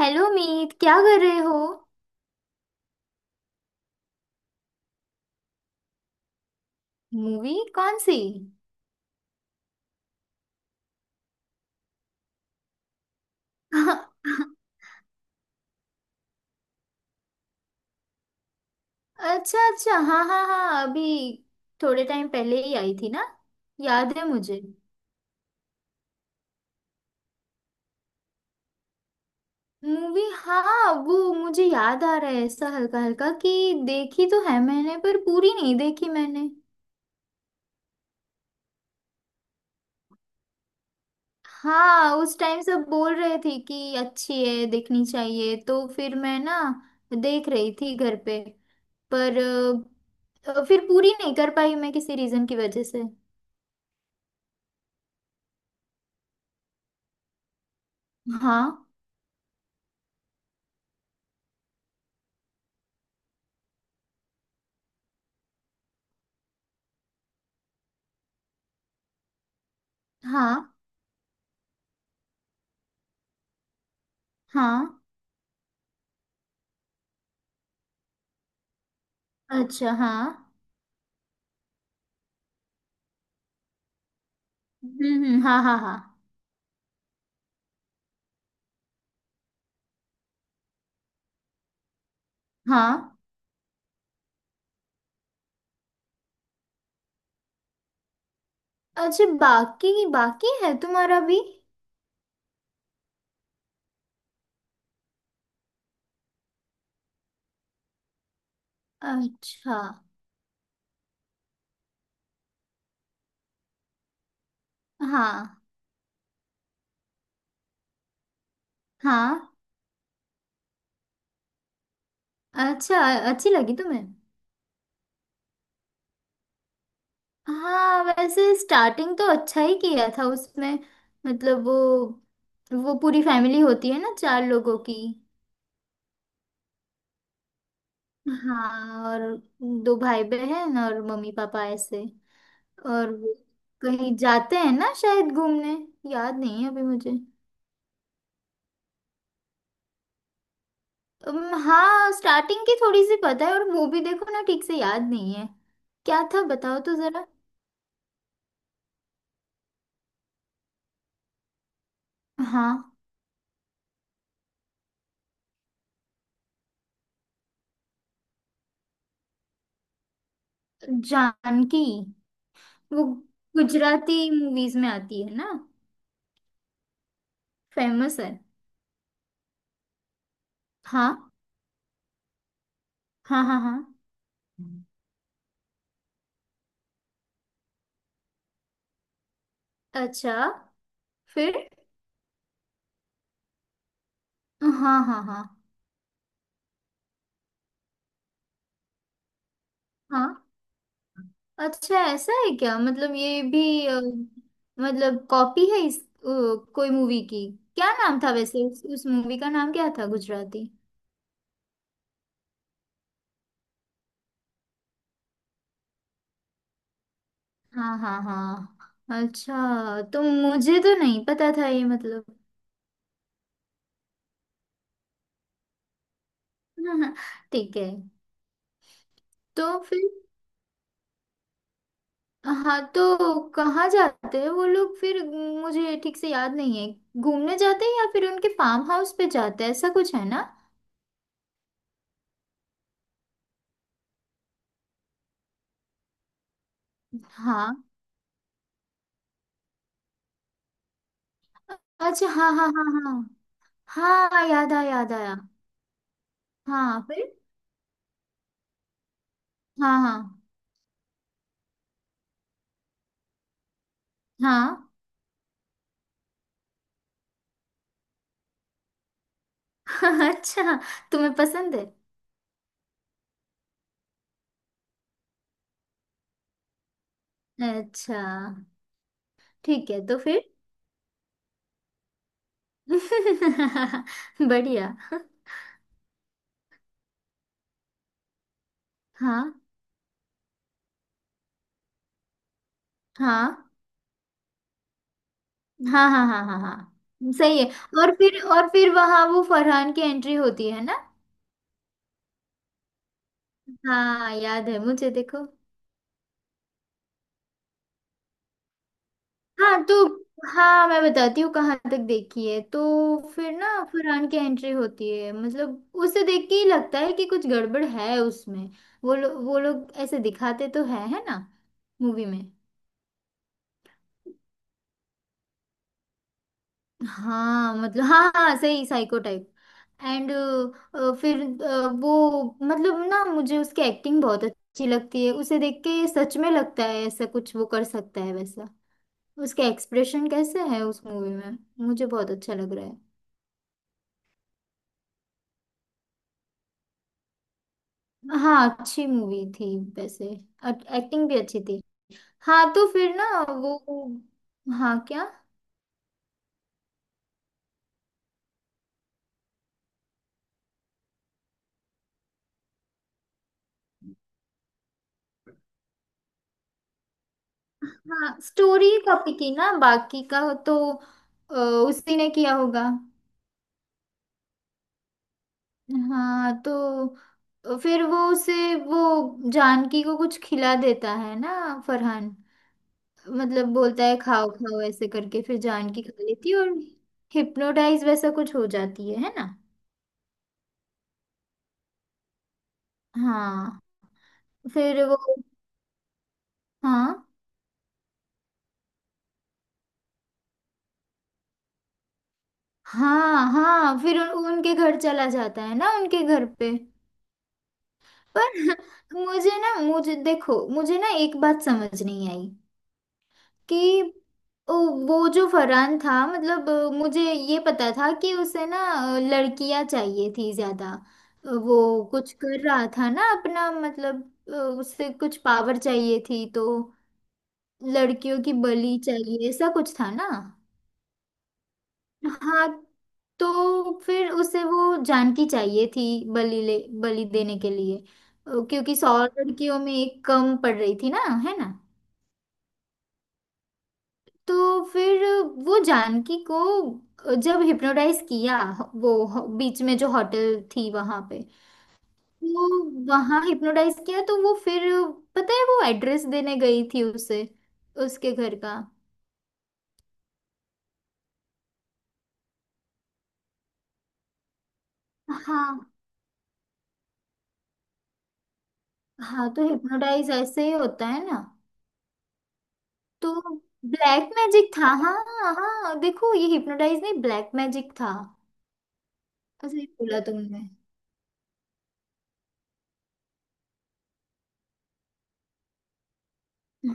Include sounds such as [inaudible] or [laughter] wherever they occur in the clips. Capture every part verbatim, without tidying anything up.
Hello Meet, क्या कर रहे हो। मूवी कौन सी। अच्छा। अच्छा हाँ हाँ हाँ अभी, थोड़े टाइम पहले ही आई थी ना। याद है मुझे। मूवी, हाँ वो मुझे याद आ रहा है ऐसा हल्का हल्का कि देखी तो है मैंने, पर पूरी नहीं देखी मैंने। हाँ उस टाइम सब बोल रहे थे कि अच्छी है देखनी चाहिए, तो फिर मैं ना देख रही थी घर पे। पर अ, अ, फिर पूरी नहीं कर पाई मैं किसी रीजन की वजह से। हाँ हाँ हाँ। अच्छा हाँ। हम्म हम्म, हाँ हाँ हाँ हाँ। अच्छा बाकी की बाकी है तुम्हारा भी। अच्छा हाँ हाँ। अच्छा अच्छी लगी तुम्हें। हाँ वैसे स्टार्टिंग तो अच्छा ही किया था उसमें। मतलब वो वो पूरी फैमिली होती है ना चार लोगों की। हाँ और दो भाई बहन और मम्मी पापा ऐसे। और वो कहीं जाते हैं ना शायद घूमने। याद नहीं है अभी मुझे। उम, हाँ स्टार्टिंग की थोड़ी सी पता है और मूवी देखो ना ठीक से याद नहीं है क्या था, बताओ तो जरा। हाँ जानकी। वो गुजराती मूवीज में आती है ना। फेमस है। हाँ हाँ हाँ हाँ। अच्छा। फिर हाँ हाँ हाँ हाँ। अच्छा ऐसा है क्या, मतलब ये भी अ, मतलब कॉपी है इस अ, कोई मूवी की। क्या नाम था वैसे उस, उस मूवी का नाम क्या था गुजराती। हाँ हाँ हाँ अच्छा, तो मुझे तो नहीं पता था ये मतलब। [laughs] ठीक है तो फिर। हाँ तो कहाँ जाते हैं वो लोग फिर। मुझे ठीक से याद नहीं है, घूमने जाते हैं या फिर उनके फार्म हाउस पे जाते हैं, ऐसा कुछ है ना। हाँ। अच्छा हाँ हाँ हाँ हाँ। हाँ याद आया याद आया। हाँ फिर हाँ हाँ। हाँ [laughs] अच्छा। तुम्हें पसंद है। अच्छा ठीक है तो फिर। [laughs] बढ़िया। हाँ हाँ हाँ हाँ हाँ हाँ हाँ सही है। और फिर, और फिर वहां वो फरहान की एंट्री होती है ना। हाँ याद है मुझे, देखो। हाँ तो हाँ मैं बताती हूँ कहाँ तक देखी है। तो फिर ना फरहान की एंट्री होती है, मतलब उसे देख के ही लगता है कि कुछ गड़बड़ है उसमें। वो लो, वो लोग ऐसे दिखाते तो है है ना मूवी में। हाँ मतलब हाँ हाँ सही, साइको टाइप। एंड फिर अ, वो, मतलब ना मुझे उसकी एक्टिंग बहुत अच्छी लगती है, उसे देख के सच में लगता है ऐसा कुछ वो कर सकता है वैसा। उसके एक्सप्रेशन कैसे है उस मूवी में, मुझे बहुत अच्छा लग रहा है। हाँ अच्छी मूवी थी वैसे। एक्टिंग भी अच्छी थी। हाँ तो फिर ना वो। हाँ क्या। हाँ स्टोरी कॉपी की ना बाकी का। तो अ, उसी ने किया होगा। हाँ तो तो फिर वो उसे, वो जानकी को कुछ खिला देता है ना फरहान। मतलब बोलता है खाओ खाओ ऐसे करके, फिर जानकी खा लेती है और हिप्नोटाइज वैसा कुछ हो जाती है है ना। हाँ फिर वो। हाँ हाँ हाँ फिर उन, उनके घर चला जाता है ना, उनके घर पे। पर [laughs] मुझे ना, मुझे देखो, मुझे ना एक बात समझ नहीं आई कि ओ, वो जो फरहान था, मतलब अ, मुझे ये पता था कि उसे ना अ, लड़कियां चाहिए थी ज्यादा। अ, वो कुछ कर रहा था ना अपना, मतलब अ, उसे कुछ पावर चाहिए थी तो लड़कियों की बलि चाहिए, ऐसा कुछ था ना। हाँ तो फिर उसे वो जानकी चाहिए थी बलि ले, बलि देने के लिए। अ, क्योंकि सौ लड़कियों में एक कम पड़ रही थी ना, है ना। तो फिर वो जानकी को जब हिप्नोटाइज किया, वो ह- बीच में जो होटल थी वहां पे, वो वहां हिप्नोटाइज किया, तो वो फिर, पता है वो एड्रेस देने गई थी उसे, उसके घर का। हाँ हाँ तो हिप्नोटाइज ऐसे ही होता है ना। तो ब्लैक मैजिक था, हाँ। हाँ देखो ये हिप्नोटाइज नहीं ब्लैक मैजिक था। सही बोला तुमने।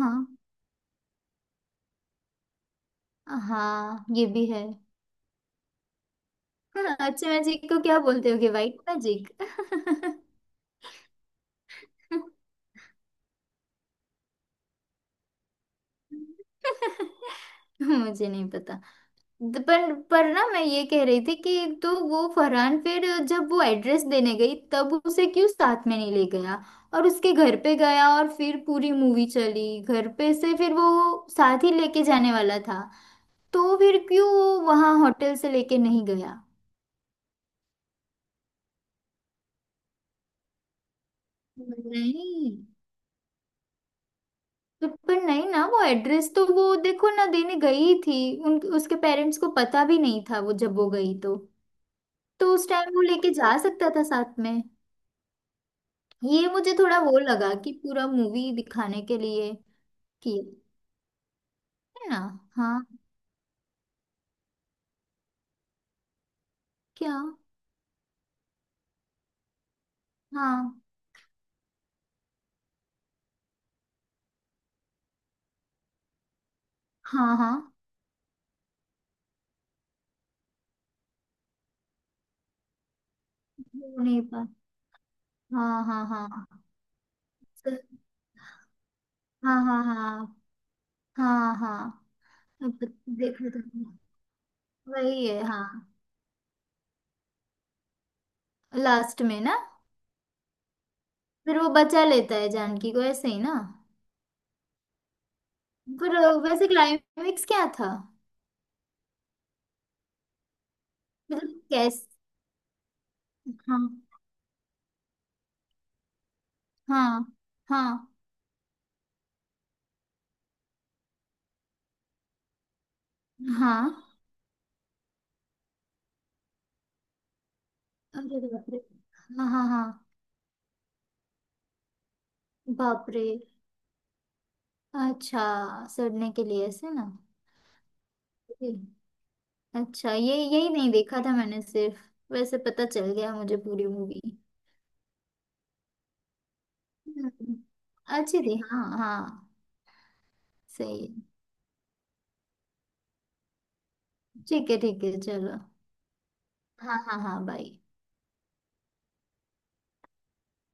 हाँ हाँ, ये भी है। हाँ, अच्छे मैजिक को क्या बोलते होगे, वाइट मैजिक। [laughs] मुझे नहीं पता। द- पर पर ना मैं ये कह रही थी कि, तो वो फरहान फिर जब वो एड्रेस देने गई तब उसे क्यों साथ में नहीं ले गया, और उसके घर पे गया और फिर पूरी मूवी चली घर पे से, फिर वो साथ ही लेके जाने वाला था तो फिर क्यों वो वहां होटल से लेके नहीं गया। नहीं तो, पर नहीं ना, वो एड्रेस तो वो देखो ना देने गई थी, उन उसके पेरेंट्स को पता भी नहीं था वो जब वो गई तो। तो उस टाइम वो लेके जा सकता था साथ में। ये मुझे थोड़ा वो लगा कि पूरा मूवी दिखाने के लिए किया। है ना। हाँ क्या। हाँ हाँ हाँ। हो नहीं पा। हाँ हाँ हाँ। सर- हाँ हाँ हाँ हाँ हाँ। अब देखा था। वही है हाँ। लास्ट में ना फिर वो बचा लेता है जानकी को ऐसे ही ना। पर अ, वैसे क्लाइमेक्स क्या था। मतलब कैस हाँ हाँ हाँ हाँ। अरे तो बाप रे। हाँ हाँ हाँ बाप रे। अच्छा सड़ने के लिए ऐसे ना। जी। अच्छा ये यही नहीं देखा था मैंने सिर्फ। वैसे पता चल गया मुझे पूरी मूवी। हम्म, अच्छी थी हाँ हाँ। सही है। ठीक है ठीक है चलो। हाँ हाँ हाँ बाय।